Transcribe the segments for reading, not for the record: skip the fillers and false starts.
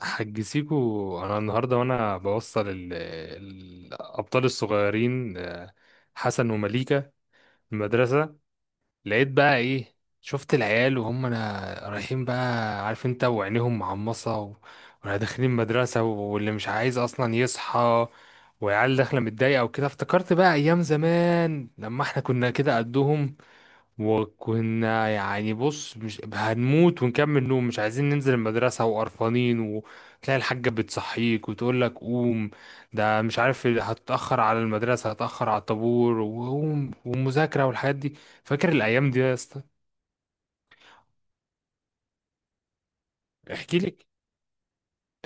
حجزيكوا انا النهارده وانا بوصل الابطال الصغيرين، حسن ومليكة المدرسه. لقيت بقى، ايه، شفت العيال وهم انا رايحين بقى، عارف انت، وعينيهم معمصه وانا داخلين مدرسه، واللي مش عايز اصلا يصحى، وعيال داخله متضايقه وكده. افتكرت بقى ايام زمان لما احنا كنا كده قدهم، وكنا يعني، بص، مش هنموت، ونكمل نوم، مش عايزين ننزل المدرسة وقرفانين، وتلاقي الحاجة بتصحيك وتقول لك قوم، ده مش عارف هتتأخر على المدرسة، هتتأخر على الطابور، وقوم، ومذاكرة، والحاجات دي. فاكر الأيام دي يا اسطى؟ احكي لك.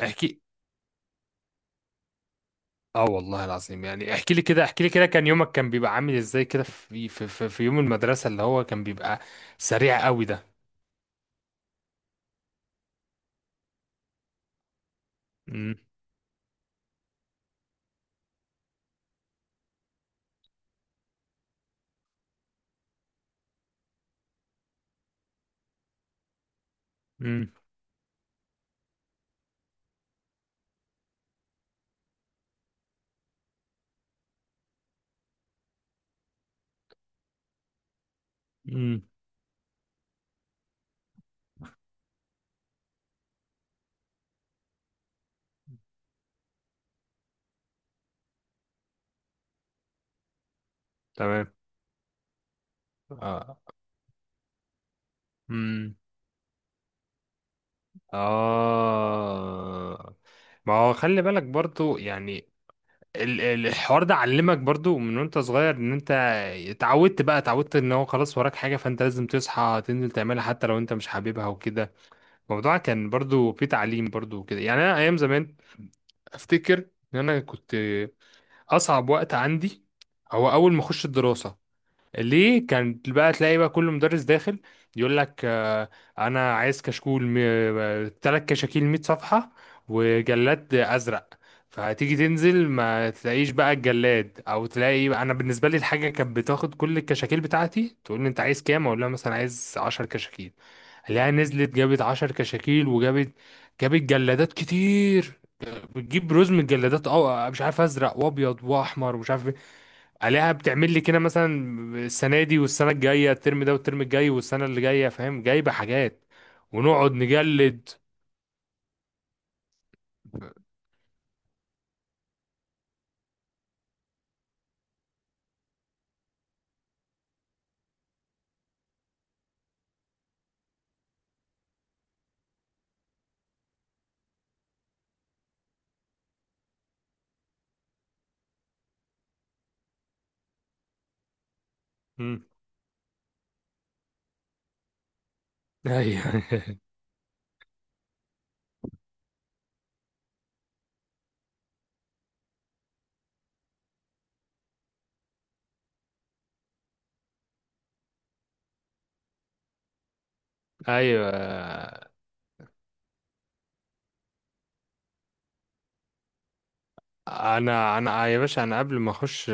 احكي. اه والله العظيم، يعني احكي لي كده، احكي لي كده، كان يومك كان بيبقى عامل ازاي كده في يوم المدرسة اللي هو كان بيبقى سريع قوي ده؟ امم. امم. امم. تمام. اه. امم. آه. ما هو خلي بالك برضو يعني، الحوار ده علمك برضو من وانت صغير ان انت اتعودت بقى، اتعودت ان هو خلاص وراك حاجة، فانت لازم تصحى تنزل تعملها حتى لو انت مش حاببها وكده. الموضوع كان برضو في تعليم برضو وكده، يعني انا ايام زمان افتكر ان انا كنت، اصعب وقت عندي هو اول ما اخش الدراسة. ليه؟ كان بقى تلاقي بقى كل مدرس داخل يقول لك، انا عايز كشكول، ثلاث كشاكيل 100 صفحة، وجلاد ازرق. فهتيجي تنزل، ما تلاقيش بقى الجلاد، او تلاقي بقى، انا بالنسبه لي الحاجه كانت بتاخد كل الكشاكيل بتاعتي، تقول لي انت عايز كام، اقول لها مثلا عايز 10 كشاكيل، الاقيها نزلت جابت 10 كشاكيل وجابت، جابت جلادات كتير، بتجيب رزم الجلادات، اه مش عارف ازرق وابيض واحمر ومش عارف إيه، عليها بتعمل لي كده مثلا، السنه دي والسنه الجايه، الترم ده والترم الجاي والسنه اللي جايه. فاهم؟ جايبه حاجات ونقعد نجلد. مم. ايوه. ايوه. انا يا باشا، انا قبل ما اخش،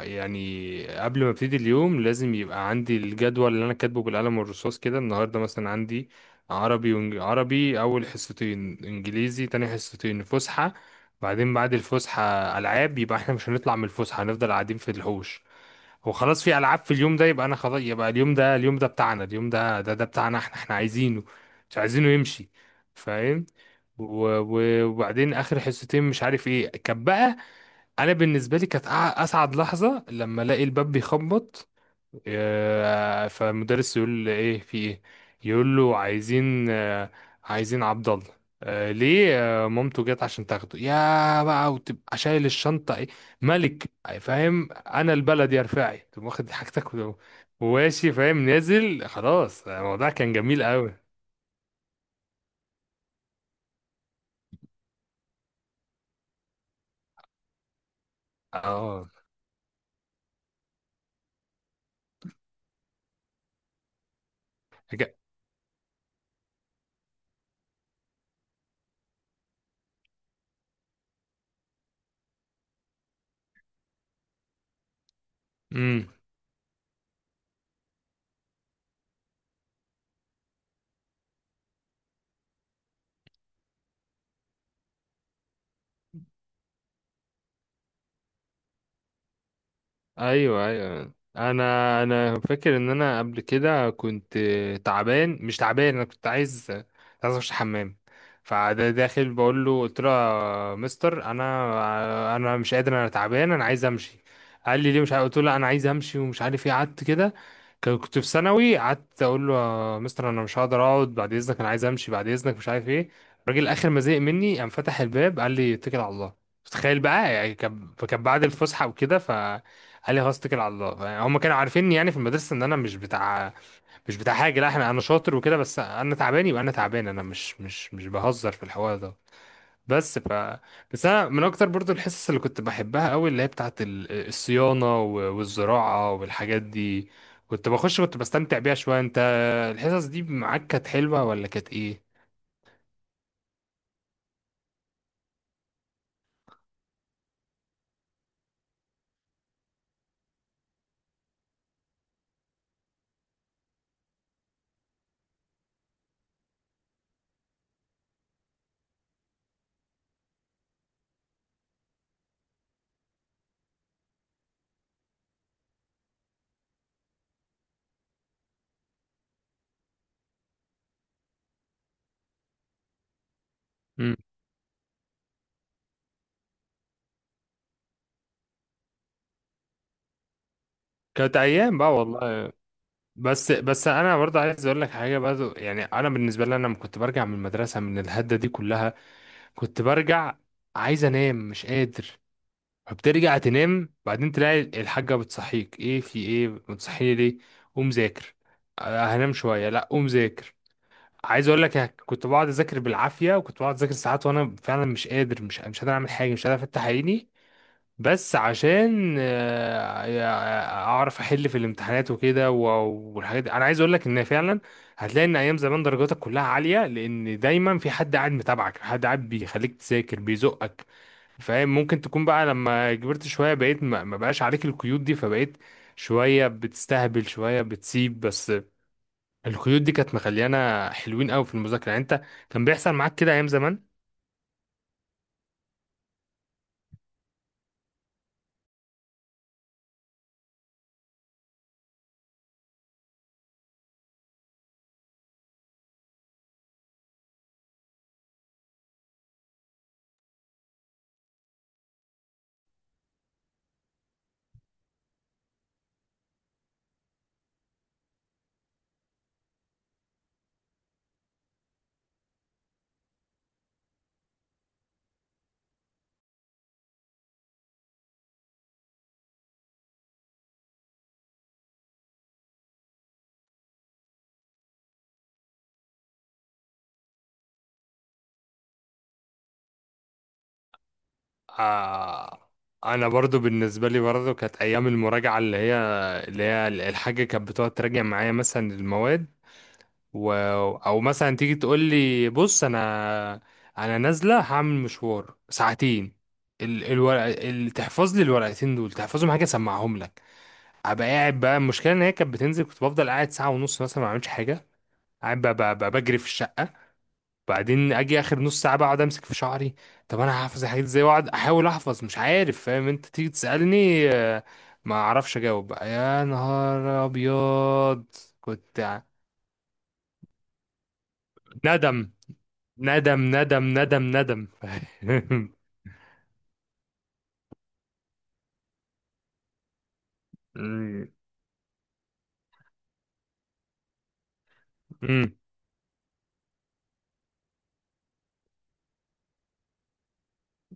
يعني قبل ما ابتدي اليوم، لازم يبقى عندي الجدول اللي انا كاتبه بالقلم والرصاص كده، النهارده مثلا عندي عربي عربي اول حصتين، انجليزي تاني حصتين، فسحه، بعدين بعد الفسحه العاب، يبقى احنا مش هنطلع من الفسحه، هنفضل قاعدين في الحوش. هو خلاص في العاب في اليوم ده، يبقى انا خلاص، يبقى اليوم ده، اليوم ده بتاعنا، اليوم ده ده ده بتاعنا، احنا احنا عايزينه، مش عايزينه يمشي. فاهم؟ و- وبعدين اخر حصتين مش عارف ايه كان بقى، انا بالنسبه لي كانت اسعد لحظه لما الاقي الباب بيخبط، فالمدرس يقول له ايه في ايه، يقول له عايزين، عايزين عبد الله، ليه، مامته جت عشان تاخده، يا بقى وتبقى شايل الشنطه، ايه ملك، فاهم، انا البلد يا رفاعي، تقوم واخد حاجتك وماشي، فاهم، نازل خلاص. الموضوع كان جميل قوي. اه. امم. ايوه. ايوه. انا فاكر ان انا قبل كده كنت، تعبان مش تعبان، انا كنت عايز، كنت عايز اخش الحمام. فده داخل بقول له، قلت له يا مستر انا مش قادر، انا تعبان، انا عايز امشي. قال لي ليه مش عارف، قلت له انا عايز امشي، ومش عارف ايه، قعدت كده، كنت في ثانوي. قعدت اقول له، يا مستر انا مش هقدر اقعد بعد اذنك، انا عايز امشي بعد اذنك، مش عارف ايه. الراجل اخر ما زهق مني، قام فتح الباب، قال لي اتكل على الله. تخيل بقى يعني، كان كان بعد الفسحه وكده، ف قال لي خلاص اتكل على الله. يعني هم كانوا عارفيني يعني في المدرسه، ان انا مش بتاع، مش بتاع حاجه. لا احنا، انا شاطر وكده، بس انا تعبان يبقى انا تعبان، انا مش بهزر في الحوار ده. بس ف بس انا من اكتر برضو الحصص اللي كنت بحبها قوي، اللي هي بتاعت الصيانه والزراعه والحاجات دي، كنت بخش، كنت بستمتع بيها شويه. انت الحصص دي معاك كانت حلوه ولا كانت ايه؟ مم. كانت ايام بقى والله. بس انا برضه عايز اقول لك حاجه برضه، يعني انا بالنسبه لي انا لما كنت برجع من المدرسه من الهده دي كلها، كنت برجع عايز انام مش قادر، فبترجع تنام، بعدين تلاقي الحاجة بتصحيك، ايه في ايه بتصحيني ليه، قوم ذاكر، هنام شوية، لا قوم ذاكر. عايز اقول لك أنا كنت بقعد اذاكر بالعافية، وكنت بقعد اذاكر ساعات وانا فعلا مش قادر، مش قادر اعمل حاجة، مش قادر افتح عيني، بس عشان، اعرف احل في الامتحانات وكده والحاجات دي. انا عايز اقول لك ان فعلا هتلاقي ان ايام زمان درجاتك كلها عاليه، لان دايما في حد قاعد متابعك، حد قاعد بيخليك تذاكر، بيزقك. فاهم؟ ممكن تكون بقى لما كبرت شويه، بقيت ما بقاش عليك القيود دي، فبقيت شويه بتستهبل، شويه بتسيب، بس القيود دي كانت مخليانا حلوين قوي في المذاكره. يعني انت كان بيحصل معاك كده ايام زمان؟ آه. انا برضو بالنسبه لي برضو كانت ايام المراجعه، اللي هي اللي هي الحاجه كانت بتقعد تراجع معايا مثلا المواد، و... او مثلا تيجي تقول لي بص انا، انا نازله هعمل مشوار ساعتين، ال... الورق ال... تحفظ لي الورقتين دول، تحفظهم حاجه، اسمعهم لك. ابقى قاعد بقى، المشكله ان هي كانت بتنزل، كنت بفضل قاعد ساعه ونص مثلا ما بعملش حاجه، قاعد بقى بجري في الشقه، بعدين اجي اخر نص ساعه بقى، اقعد امسك في شعري. طب انا هحفظ الحاجات ازاي؟ واقعد احاول احفظ، مش عارف، فاهم، انت تيجي تسالني، ما اعرفش اجاوب بقى، يا نهار ابيض. كنت ع- ندم، ندم، ندم، ندم، ندم. فاهم؟ أمم، أمم،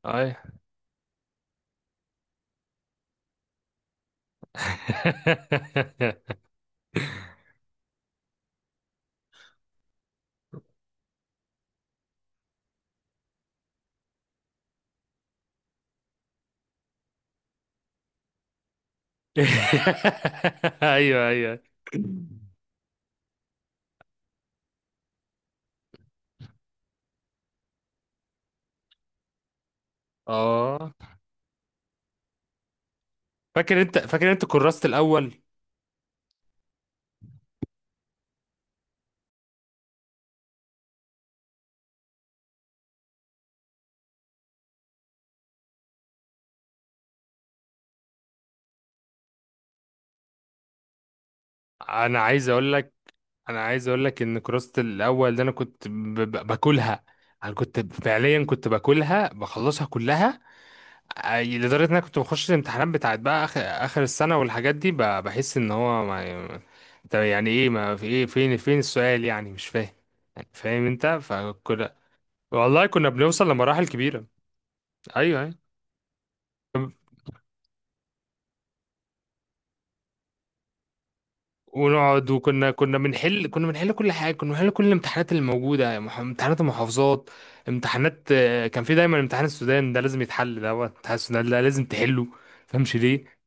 أي. ايوه، ايوه، اه. فاكر انت، فاكر انت كراسة الاول. انا عايز اقول لك انا عايز اقول لك ان كراسة الاول ده انا كنت باكلها، انا كنت فعليا كنت باكلها، بخلصها كلها، لدرجة ان انا كنت بخش الامتحانات بتاعت بقى اخر، اخر السنة والحاجات دي، ب بحس ان هو، ما طب يعني ايه، ما في ايه، فين السؤال، يعني مش فاهم، يعني فاهم انت؟ فكنا، والله كنا بنوصل لمراحل كبيرة. ايوه ايوه. ونقعد، وكنا بنحل، كنا بنحل كل حاجه، كنا بنحل كل الامتحانات اللي موجوده، امتحانات المحافظات، امتحانات، كان في دايما امتحان السودان ده لازم يتحل، ده هو امتحان السودان ده لازم تحله. فهمش ليه؟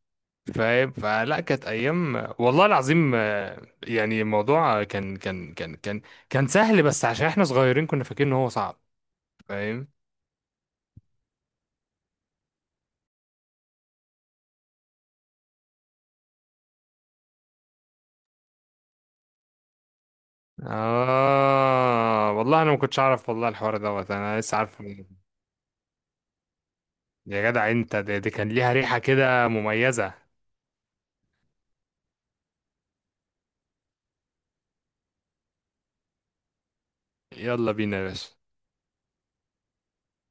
فاهم؟ فلا، كانت ايام والله العظيم. يعني الموضوع كان كان سهل، بس عشان احنا صغيرين كنا فاكرين ان هو صعب. فاهم؟ اه والله انا ما كنتش اعرف والله، الحوار دوت انا لسه عارف يا جدع انت، دي كان ليها ريحه كده مميزه. يلا بينا يا باشا.